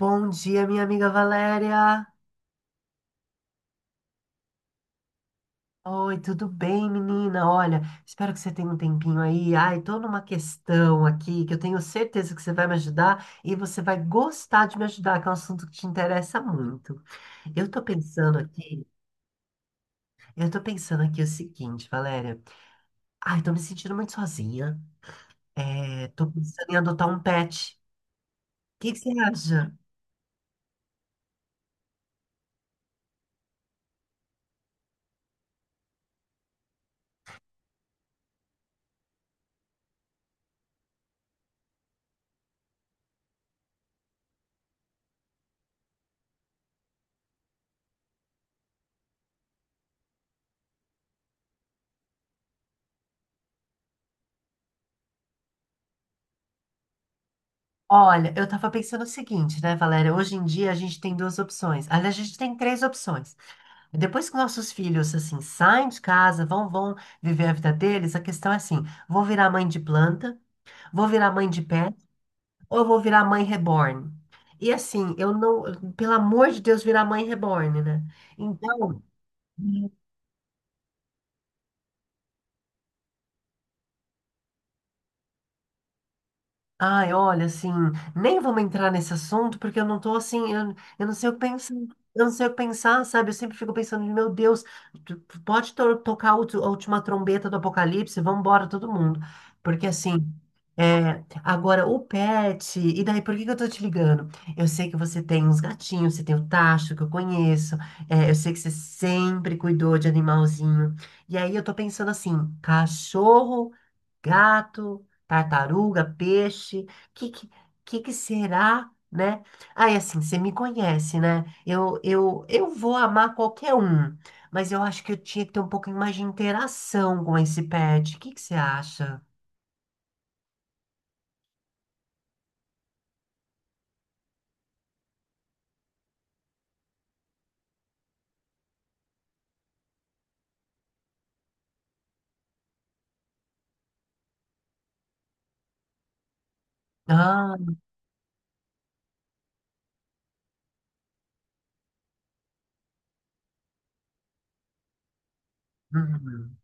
Bom dia, minha amiga Valéria. Oi, tudo bem, menina? Olha, espero que você tenha um tempinho aí. Ai, tô numa questão aqui que eu tenho certeza que você vai me ajudar e você vai gostar de me ajudar, que é um assunto que te interessa muito. Eu tô pensando aqui, eu tô pensando aqui o seguinte, Valéria. Ai, tô me sentindo muito sozinha. É, tô pensando em adotar um pet. O que que você acha? Olha, eu tava pensando o seguinte, né, Valéria? Hoje em dia a gente tem duas opções. Aliás, a gente tem três opções. Depois que nossos filhos assim saem de casa, vão viver a vida deles, a questão é assim: vou virar mãe de planta, vou virar mãe de pé, ou eu vou virar mãe reborn? E assim, eu não, pelo amor de Deus, virar mãe reborn, né? Então, ai, olha, assim, nem vamos entrar nesse assunto porque eu não tô assim, eu não sei o que pensar, eu não sei o que pensar, sabe? Eu sempre fico pensando, meu Deus, tu pode tocar a a última trombeta do apocalipse, vamos embora todo mundo. Porque assim, é, agora o pet, e daí por que que eu tô te ligando? Eu sei que você tem uns gatinhos, você tem o Tacho que eu conheço, é, eu sei que você sempre cuidou de animalzinho. E aí eu tô pensando assim, cachorro gato, tartaruga, peixe, que que, que será, né? Aí assim, você me conhece, né? Eu vou amar qualquer um, mas eu acho que eu tinha que ter um pouquinho mais de interação com esse pet. O que que você acha? Ah, uhum.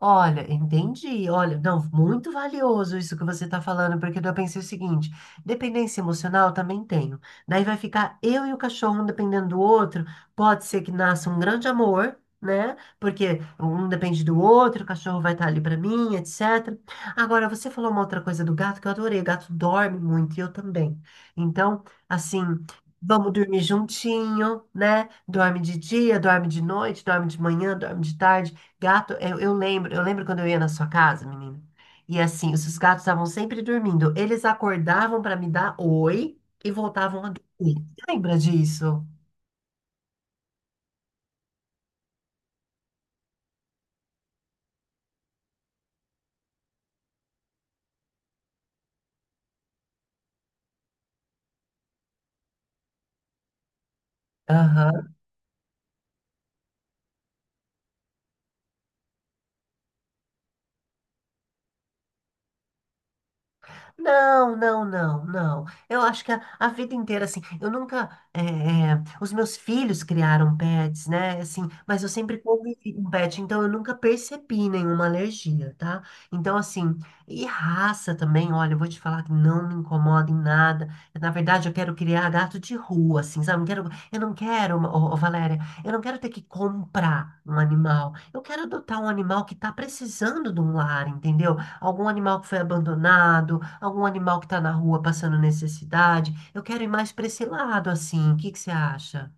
Olha, entendi. Olha, não, muito valioso isso que você está falando, porque eu pensei o seguinte: dependência emocional também tenho. Daí vai ficar eu e o cachorro, um dependendo do outro. Pode ser que nasça um grande amor, né? Porque um depende do outro, o cachorro vai estar ali para mim, etc. Agora, você falou uma outra coisa do gato que eu adorei. O gato dorme muito e eu também. Então, assim. Vamos dormir juntinho, né? Dorme de dia, dorme de noite, dorme de manhã, dorme de tarde. Gato, eu lembro, eu lembro quando eu ia na sua casa, menina. E assim, os seus gatos estavam sempre dormindo. Eles acordavam para me dar oi e voltavam a dormir. Você lembra disso? Não, não, não, não. Eu acho que a vida inteira, assim, eu nunca. Os meus filhos criaram pets, né? Assim, mas eu sempre convivi com pet, então eu nunca percebi nenhuma alergia, tá? Então, assim, e raça também, olha, eu vou te falar que não me incomoda em nada. Na verdade, eu quero criar gato de rua, assim, sabe? Eu, quero, eu não quero, Valéria, eu não quero ter que comprar um animal. Eu quero adotar um animal que tá precisando de um lar, entendeu? Algum animal que foi abandonado, algum animal que está na rua passando necessidade. Eu quero ir mais para esse lado, assim. O que que você acha?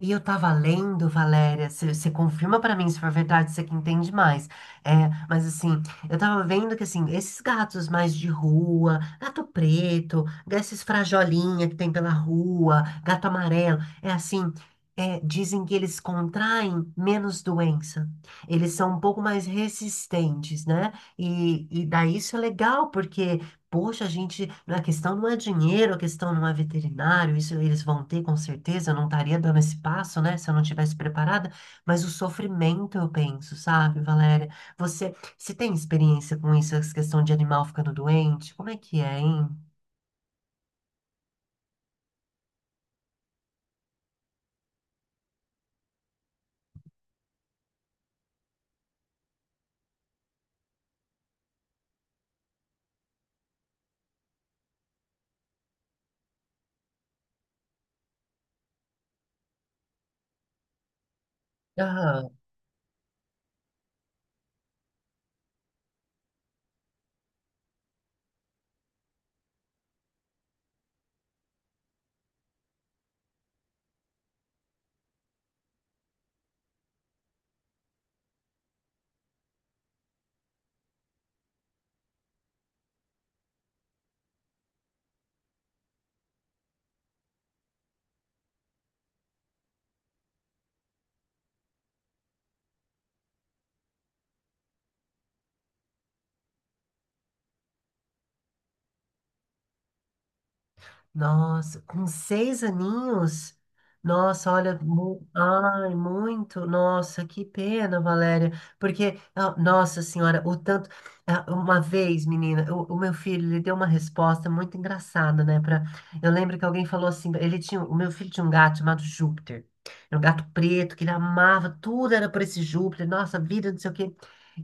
E eu tava lendo, Valéria, você confirma pra mim se for verdade, você que entende mais. É, mas assim, eu tava vendo que assim, esses gatos mais de rua, gato preto, esses frajolinha que tem pela rua, gato amarelo, é assim, é, dizem que eles contraem menos doença. Eles são um pouco mais resistentes, né? E daí isso é legal, porque poxa, a gente, a questão não é dinheiro, a questão não é veterinário, isso eles vão ter com certeza, eu não estaria dando esse passo, né, se eu não tivesse preparada, mas o sofrimento eu penso, sabe, Valéria? Você tem experiência com isso, essa questão de animal ficando doente? Como é que é, hein? Aham. Nossa, com seis aninhos? Nossa, olha, ai, muito, nossa, que pena, Valéria, porque, ah, nossa senhora, o tanto, ah, uma vez, menina, o meu filho, ele deu uma resposta muito engraçada, né, pra, eu lembro que alguém falou assim, ele tinha, o meu filho tinha um gato chamado Júpiter, era um gato preto, que ele amava, tudo era por esse Júpiter, nossa, vida, não sei o quê,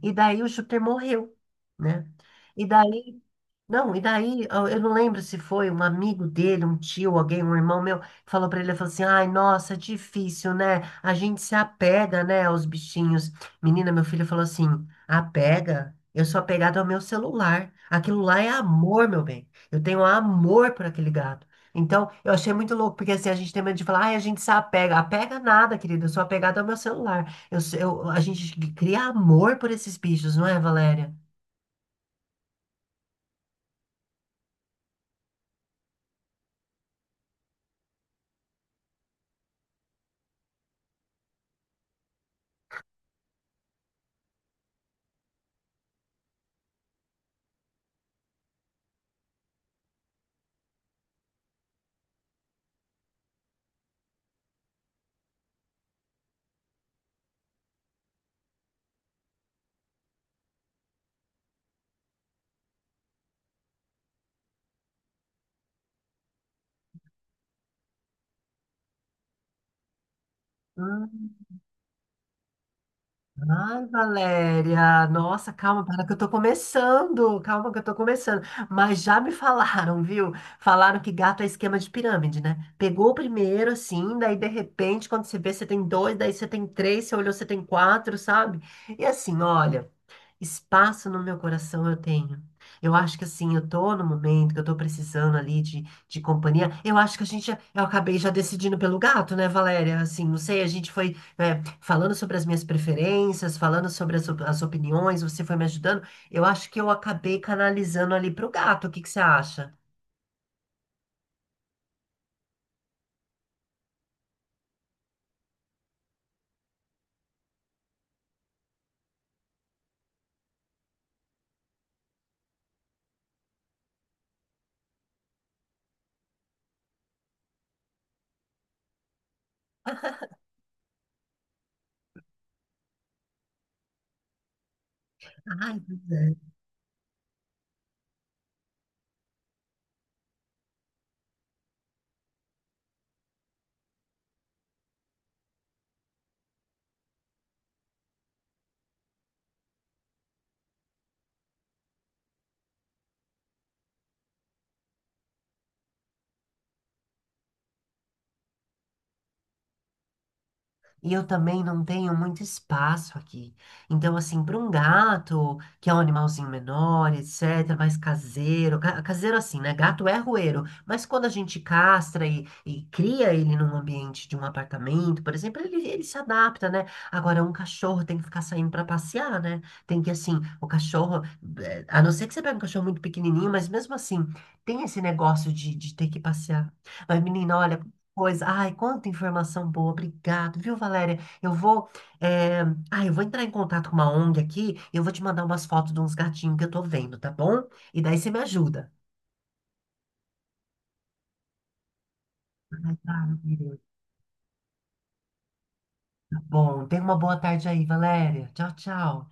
e daí o Júpiter morreu, né, e daí não, e daí, eu não lembro se foi um amigo dele, um tio, alguém, um irmão meu, falou pra ele, ele falou assim, ai, nossa, é difícil, né? A gente se apega, né, aos bichinhos. Menina, meu filho falou assim, apega? Eu sou apegado ao meu celular. Aquilo lá é amor, meu bem. Eu tenho amor por aquele gato. Então, eu achei muito louco, porque assim, a gente tem medo de falar, ai, a gente se apega. Apega nada, querida, eu sou apegado ao meu celular. A gente cria amor por esses bichos, não é, Valéria? Hum. Ai, Valéria, nossa, calma, para que eu tô começando, calma que eu tô começando. Mas já me falaram, viu? Falaram que gato é esquema de pirâmide, né? Pegou o primeiro, assim, daí de repente, quando você vê, você tem dois, daí você tem três, você olhou, você tem quatro, sabe? E assim, olha. Espaço no meu coração eu tenho. Eu acho que assim, eu tô no momento que eu tô precisando ali de companhia. Eu acho que a gente, eu acabei já decidindo pelo gato, né, Valéria? Assim, não sei, a gente foi, é, falando sobre as minhas preferências, falando sobre as, as opiniões, você foi me ajudando. Eu acho que eu acabei canalizando ali pro gato. O que que você acha? Ai, e eu também não tenho muito espaço aqui. Então, assim, para um gato, que é um animalzinho menor, etc., mais caseiro, caseiro assim, né? Gato é rueiro, mas quando a gente castra e cria ele num ambiente de um apartamento, por exemplo, ele se adapta, né? Agora, um cachorro tem que ficar saindo para passear, né? Tem que, assim, o cachorro, eh, a não ser que você pegue um cachorro muito pequenininho, mas mesmo assim, tem esse negócio de ter que passear. Mas, menina, olha, pois, ai, quanta informação boa, obrigado, viu, Valéria? Eu vou, eh, ai, eu vou entrar em contato com uma ONG aqui, eu vou te mandar umas fotos de uns gatinhos que eu tô vendo, tá bom? E daí você me ajuda. Ai, tá, meu Deus. Tá bom, tenha uma boa tarde aí, Valéria. Tchau, tchau.